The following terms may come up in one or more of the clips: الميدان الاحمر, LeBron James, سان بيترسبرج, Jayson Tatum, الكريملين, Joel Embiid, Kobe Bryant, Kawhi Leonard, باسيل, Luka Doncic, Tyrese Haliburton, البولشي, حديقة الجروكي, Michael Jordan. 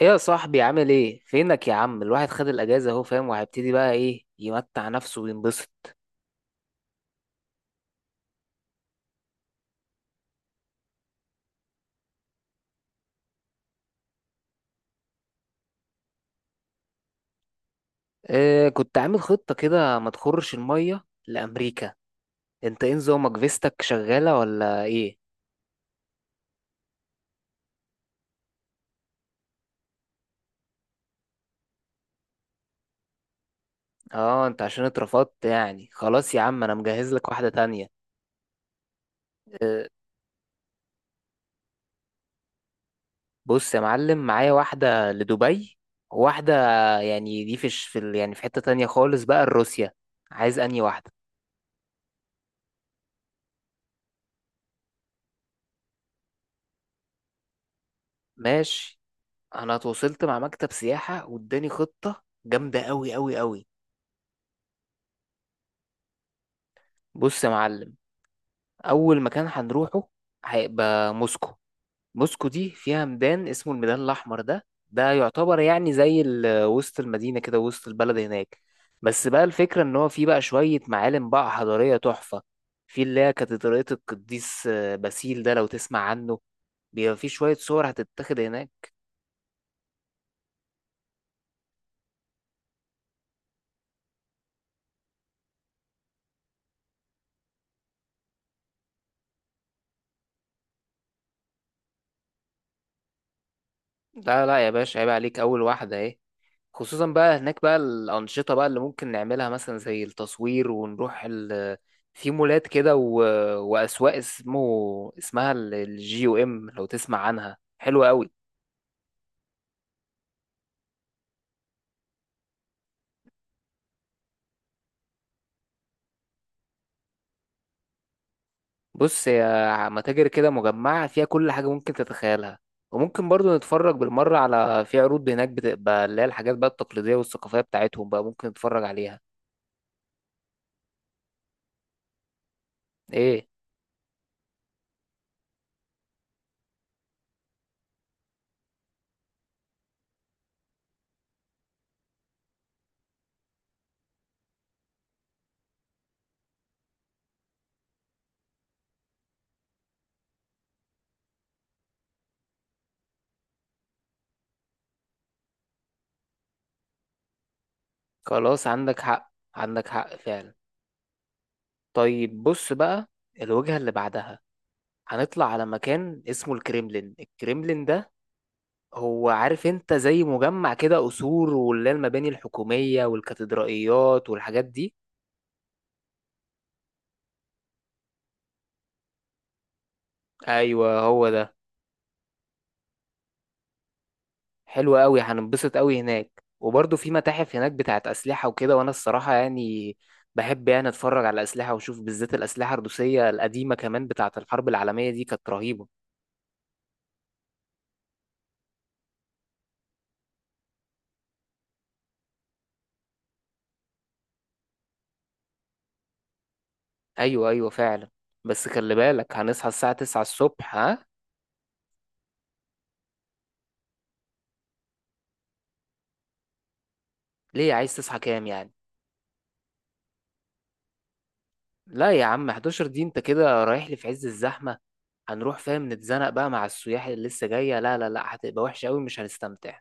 ايه يا صاحبي، عامل ايه؟ فينك يا عم؟ الواحد خد الاجازه اهو، فاهم؟ وهيبتدي بقى ايه؟ يمتع نفسه وينبسط. إيه، كنت عامل خطه كده ما تخرش الميه لامريكا. انت ايه نظامك؟ فيستك شغاله ولا ايه؟ اه انت عشان اترفضت يعني خلاص. يا عم انا مجهز لك واحده تانية. إيه. بص يا معلم، معايا واحده لدبي وواحده، يعني دي في الش- في ال- يعني في حته تانية خالص بقى، لروسيا. عايز انهي واحده؟ ماشي. انا اتواصلت مع مكتب سياحة واداني خطة جامدة قوي قوي قوي. بص يا معلم، اول مكان هنروحه هيبقى موسكو. موسكو دي فيها ميدان اسمه الميدان الاحمر، ده يعتبر يعني وسط المدينة كده، وسط البلد هناك. بس بقى الفكرة ان هو فيه بقى شوية معالم بقى حضارية تحفة. في اللي هي كاتدرائية القديس باسيل، ده لو تسمع عنه. بيبقى فيه شوية صور هتتاخد هناك. لا لا يا باشا، عيب عليك، اول واحدة اهي. خصوصا بقى هناك بقى الأنشطة بقى اللي ممكن نعملها، مثلا زي التصوير ونروح في مولات كده وأسواق اسمها الجي او ام، لو تسمع عنها، حلوة قوي. بص، هي متاجر كده مجمعة فيها كل حاجة ممكن تتخيلها. وممكن برضو نتفرج بالمرة على في عروض هناك، بتبقى اللي هي الحاجات بقى التقليدية والثقافية بتاعتهم بقى ممكن نتفرج عليها. ايه؟ خلاص، عندك حق عندك حق فعلا. طيب بص بقى، الوجهة اللي بعدها هنطلع على مكان اسمه الكريملين. الكريملين ده هو، عارف انت، زي مجمع كده قصور واللي هي المباني الحكومية والكاتدرائيات والحاجات دي. ايوه، هو ده. حلو قوي، هننبسط قوي هناك. وبرضه في متاحف هناك بتاعت أسلحة وكده، وانا الصراحة يعني بحب يعني اتفرج على الأسلحة، واشوف بالذات الأسلحة الروسية القديمة، كمان بتاعت الحرب العالمية دي كانت رهيبة. ايوه ايوه فعلا. بس خلي بالك، هنصحى الساعة 9 الصبح، ها؟ ليه؟ عايز تصحى كام يعني؟ لا يا عم، 11 دي انت كده رايح لي في عز الزحمة. هنروح، فاهم، نتزنق بقى مع السياح اللي لسه جاية. لا لا لا، هتبقى وحشة قوي، مش هنستمتع.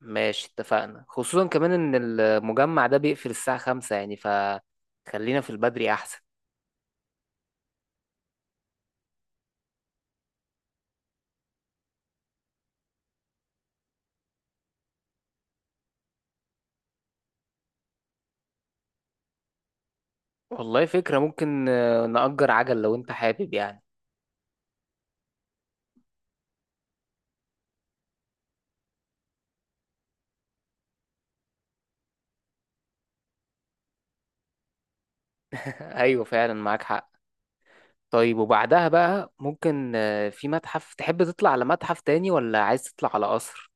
ماشي اتفقنا، خصوصا كمان ان المجمع ده بيقفل الساعة خمسة يعني، فخلينا في البدري احسن. والله فكرة، ممكن نأجر عجل لو انت حابب يعني. ايوه فعلا، معاك حق. طيب وبعدها بقى، ممكن في متحف تحب تطلع على متحف تاني، ولا عايز تطلع على قصر؟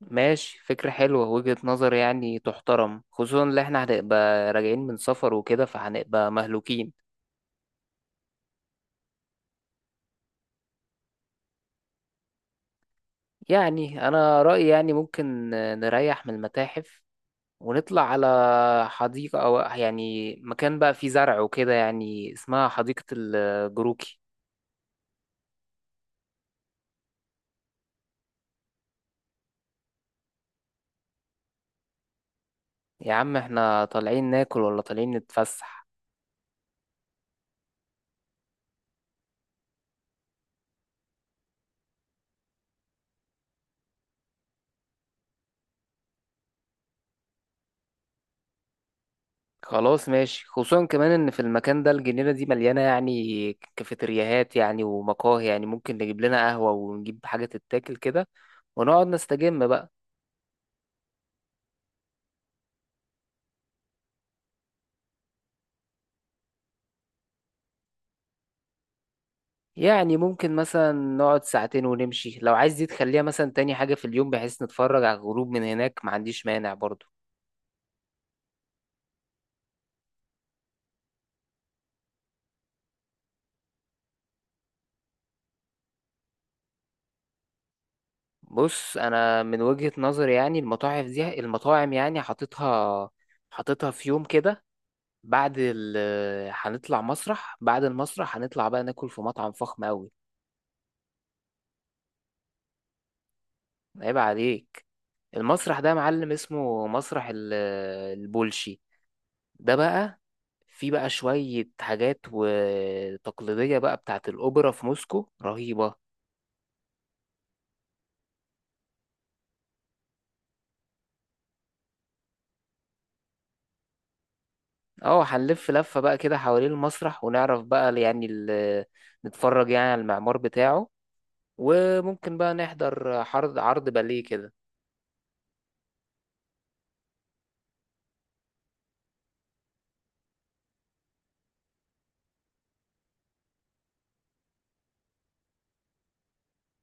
ماشي، فكرة حلوة، وجهة نظر يعني تحترم، خصوصا ان احنا هنبقى راجعين من سفر وكده فهنبقى مهلوكين. يعني انا رأيي يعني ممكن نريح من المتاحف ونطلع على حديقة، او يعني مكان بقى فيه زرع وكده، يعني اسمها حديقة الجروكي. يا عم، احنا طالعين ناكل ولا طالعين نتفسح؟ خلاص ماشي، خصوصا كمان ان في المكان ده الجنينة دي مليانة يعني كافيترياهات يعني ومقاهي، يعني ممكن نجيب لنا قهوة ونجيب حاجة تتاكل كده ونقعد نستجم بقى. يعني ممكن مثلا نقعد ساعتين ونمشي. لو عايز دي تخليها مثلا تاني حاجة في اليوم بحيث نتفرج على الغروب من هناك، ما عنديش مانع برضو. بص، أنا من وجهة نظري يعني، المطاعم يعني حاططها في يوم كده بعد ال هنطلع مسرح، بعد المسرح هنطلع بقى ناكل في مطعم فخم أوي. عيب عليك. المسرح ده يا معلم، اسمه مسرح البولشي. ده بقى في بقى شوية حاجات وتقليدية بقى بتاعة الأوبرا في موسكو رهيبة. اه، هنلف لفة بقى كده حوالين المسرح، ونعرف بقى نتفرج يعني على المعمار بتاعه، وممكن بقى نحضر عرض باليه كده.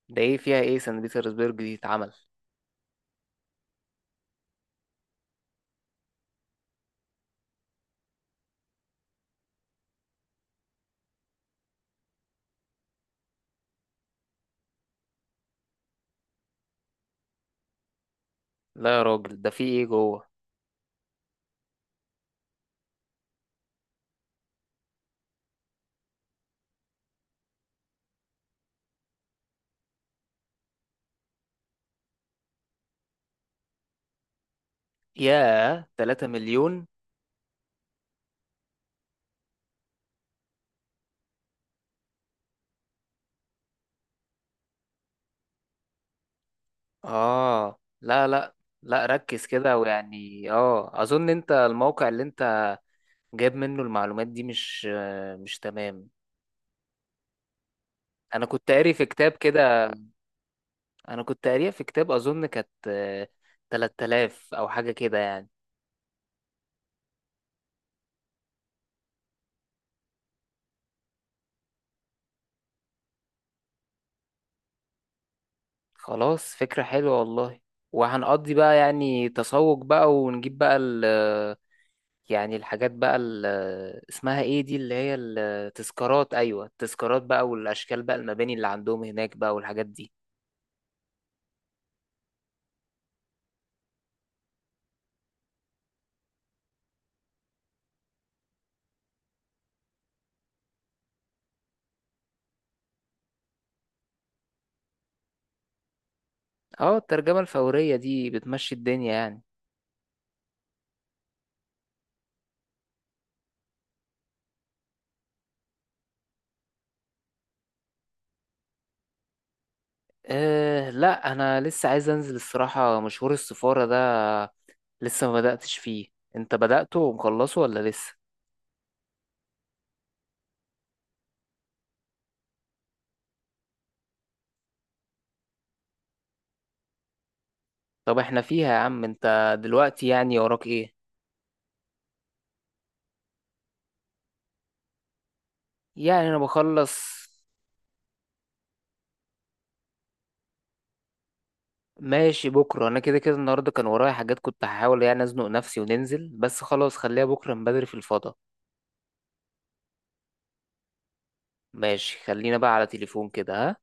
ده ايه؟ فيها ايه سان بيترسبرج دي اتعمل؟ لا يا راجل، ده في ايه جوه؟ ياه، 3 مليون! اه لا لا لا، ركز كده. ويعني اه اظن انت الموقع اللي انت جاب منه المعلومات دي مش مش تمام. انا كنت قاري في كتاب كده. انا كنت قاريها في كتاب، اظن كانت 3000 او حاجة كده يعني. خلاص، فكرة حلوة والله. وهنقضي بقى يعني تسوق بقى ونجيب بقى ال يعني الحاجات بقى اسمها ايه دي، اللي هي التذكارات، ايوه التذكارات بقى، والاشكال بقى المباني اللي عندهم هناك بقى والحاجات دي. اه، الترجمة الفورية دي بتمشي الدنيا يعني. أه لا، انا لسه عايز انزل الصراحه مشوار السفاره ده، لسه ما بداتش فيه. انت بدأته ومخلصه ولا لسه؟ طب احنا فيها يا عم. انت دلوقتي يعني وراك ايه؟ يعني انا بخلص. ماشي بكره، انا كده كده النهارده كان ورايا حاجات كنت هحاول يعني ازنق نفسي وننزل، بس خلاص خليها بكره من بدري في الفضاء. ماشي، خلينا بقى على تليفون كده، ها؟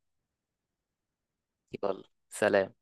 يلا، سلام.